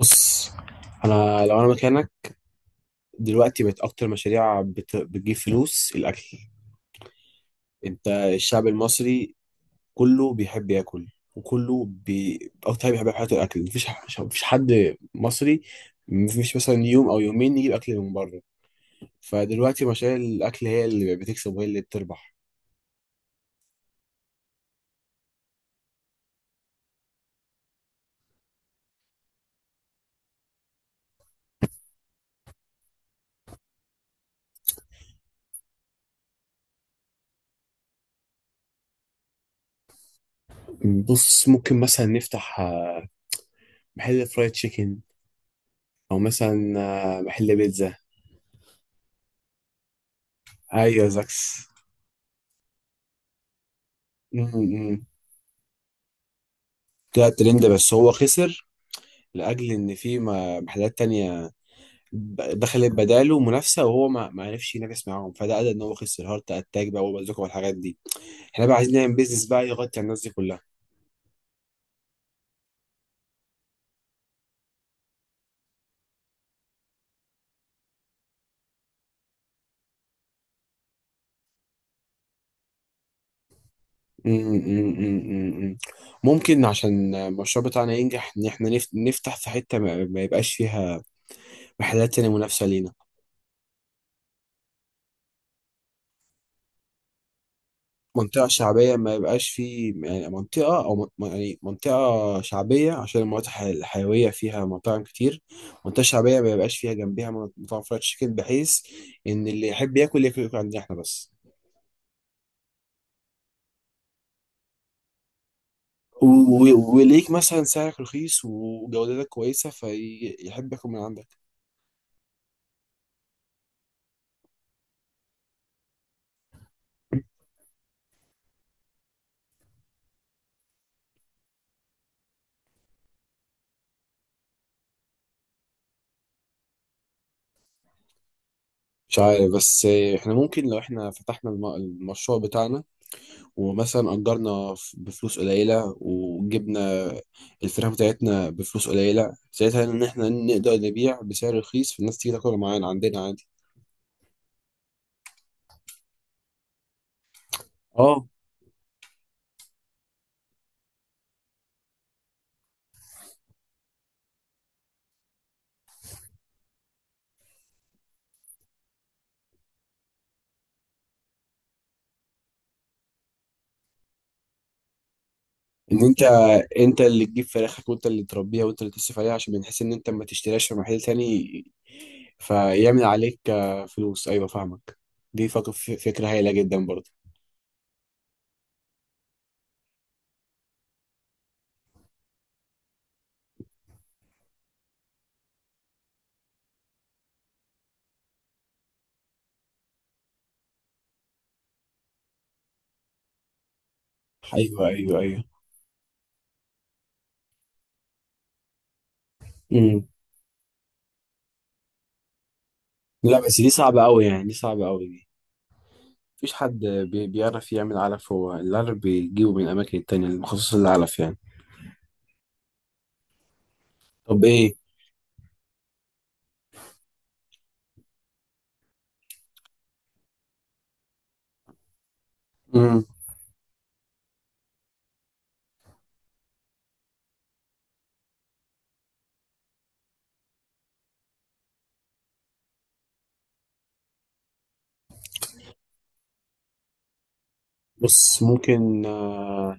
بص، انا لو انا مكانك دلوقتي بقت اكتر مشاريع بتجيب فلوس الاكل. انت الشعب المصري كله بيحب ياكل، وكله بي... اكتر حاجه بيحب في حياته الاكل. مفيش حد مصري مفيش مثلا يوم او يومين يجيب اكل من بره. فدلوقتي مشاريع الاكل هي اللي بتكسب وهي اللي بتربح. بص، ممكن مثلا نفتح محل فرايد تشيكن، او مثلا محل بيتزا. ايوه، زاكس. م- م- م. طلع ترند بس هو خسر لاجل ان في محلات تانية دخلت بداله منافسه، وهو ما عرفش ينافس معاهم، فده ادى ان هو خسر هارت اتاك بقى وبازوكا والحاجات دي. احنا بقى عايزين نعمل بيزنس بقى يغطي على الناس دي كلها. م- م- م- م- م. ممكن عشان المشروع بتاعنا ينجح ان احنا نفتح في حته ما يبقاش فيها محلات تانية منافسه لينا. منطقة شعبية ما يبقاش فيه، يعني منطقة يعني منطقة شعبية، عشان المناطق الحيوية فيها مطاعم كتير. منطقة شعبية ما يبقاش فيها جنبها مطاعم فرايد تشيكن، بحيث إن اللي يحب ياكل ياكل ياكل عندنا إحنا بس. و- و- وليك مثلا سعرك رخيص وجودتك كويسة، فيحب ياكل من عندك. مش عارف، بس إحنا ممكن لو إحنا فتحنا المشروع بتاعنا، ومثلا أجرنا بفلوس قليلة، وجبنا الفراخ بتاعتنا بفلوس قليلة، ساعتها إن إحنا نقدر نبيع بسعر رخيص فالناس تيجي تاكل معانا عندنا عادي. اه، إن أنت، أنت اللي تجيب فراخك وأنت اللي تربيها وأنت اللي تصرف عليها، عشان بنحس إن أنت ما تشتريهاش في محل تاني فيعمل عليك فلوس. أيوة فاهمك. دي فكرة هايلة جدا برضه. أيوة أيوة أيوة. مم. لا بس دي صعبة أوي، يعني دي صعبة أوي. مفيش حد بيعرف يعمل علف، هو العلف بيجيبه من الأماكن التانية المخصصة للعلف يعني. طب إيه؟ مم. بص، ممكن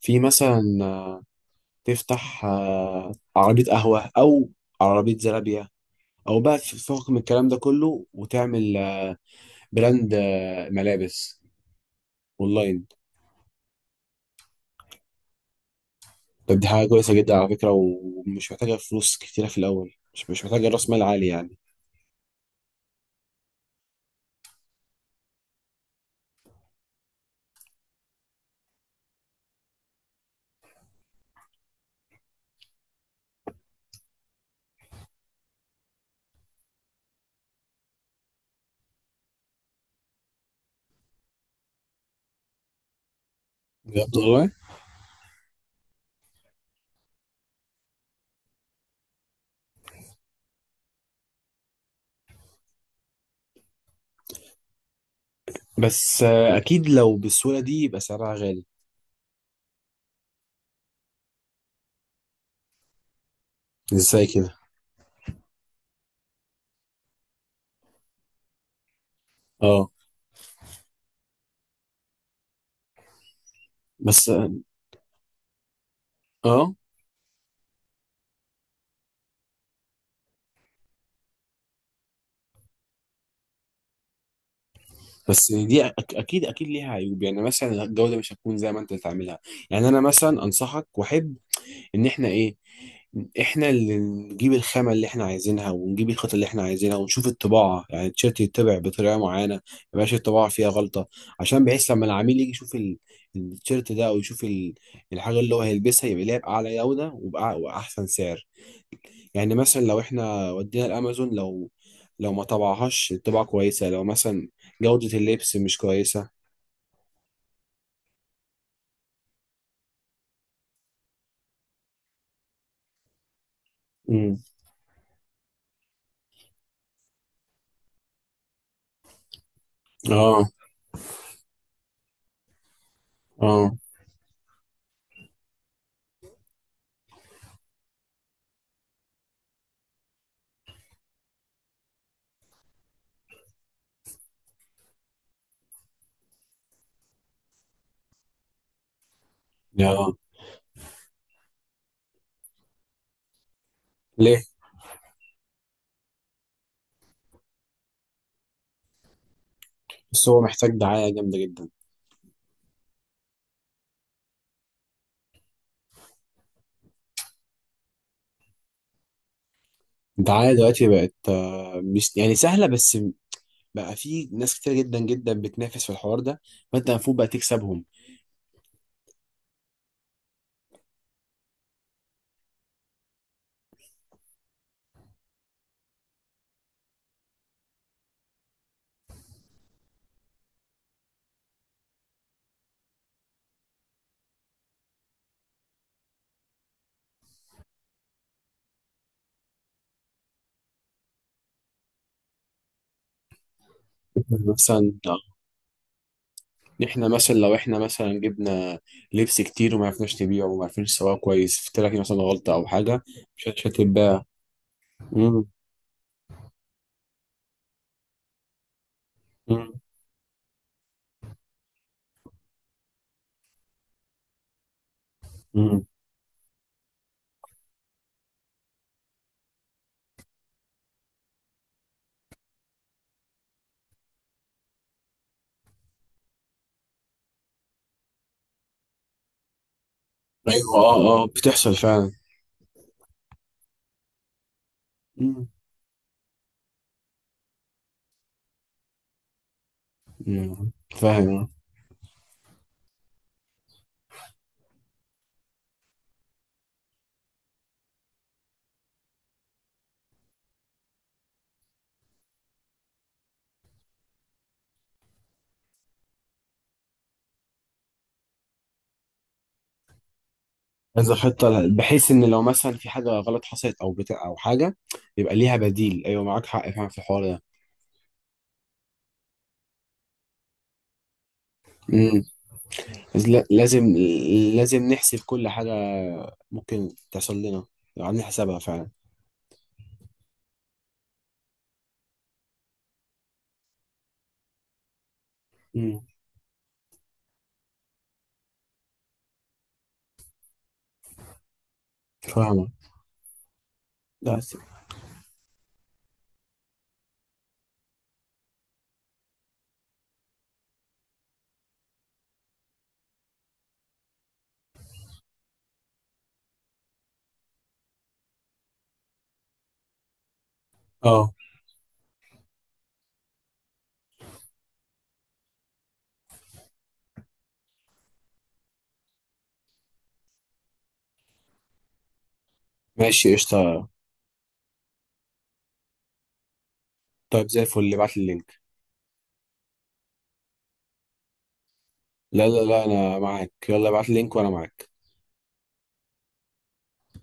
في مثلا تفتح عربية قهوة، أو عربية زرابية، أو بقى في فوق من الكلام ده كله وتعمل براند ملابس أونلاين. طب دي حاجة كويسة جدا على فكرة، ومش محتاجة فلوس كتيرة في الأول، مش محتاجة رأس مال عالي يعني. بجد والله. بس أكيد لو بالسهولة دي يبقى سعرها غالي. ازاي كده؟ اه. بس اه. بس دي اكيد، اكيد ليها عيوب، يعني مثلا الجوده مش هتكون زي ما انت تعملها. يعني انا مثلا انصحك واحب ان احنا ايه، احنا اللي نجيب الخامه اللي احنا عايزينها، ونجيب الخطه اللي احنا عايزينها، ونشوف الطباعه، يعني التيشيرت يتبع بطريقه معينه ما يبقاش الطباعه فيها غلطه، عشان بحيث لما العميل يجي يشوف التيشيرت ده، او يشوف الحاجه اللي هو هيلبسها يبقى ليها باعلى جوده وباحسن سعر. يعني مثلا لو احنا ودينا الامازون، لو ما طبعهاش طباعة كويسة، لو مثلا جودة اللبس مش كويسة. امم. اه. اه. اه. ليه؟ بس هو محتاج دعاية جامدة جدا. الدعاية دلوقتي بقت مش يعني سهلة، بقى في ناس كتير جدا جدا بتنافس في الحوار ده، فانت المفروض بقى تكسبهم. مثلا احنا مثلا لو احنا مثلا جبنا لبس كتير وما عرفناش نبيعه وما عرفناش نسوقه كويس، في لك مثلا غلطة او حاجة مش هتتباع. مم، مم، مم. ايوه اه. اه بتحصل فعلا. مم. مم. فاهم. كذا خطة بحيث ان لو مثلا في حاجة غلط حصلت او بتاع او حاجة يبقى ليها بديل. ايوه معاك حق فعلا في الحوار ده. مم. بس لازم، لازم نحسب كل حاجة ممكن تحصل لنا لو عندنا حسابها فعلا. مم. فاهمة. لا. مم. اه. ماشي قشطة. طيب زي الفل ابعت لي اللينك. لا لا لا، انا معاك، يلا ابعت لي اللينك وانا معاك.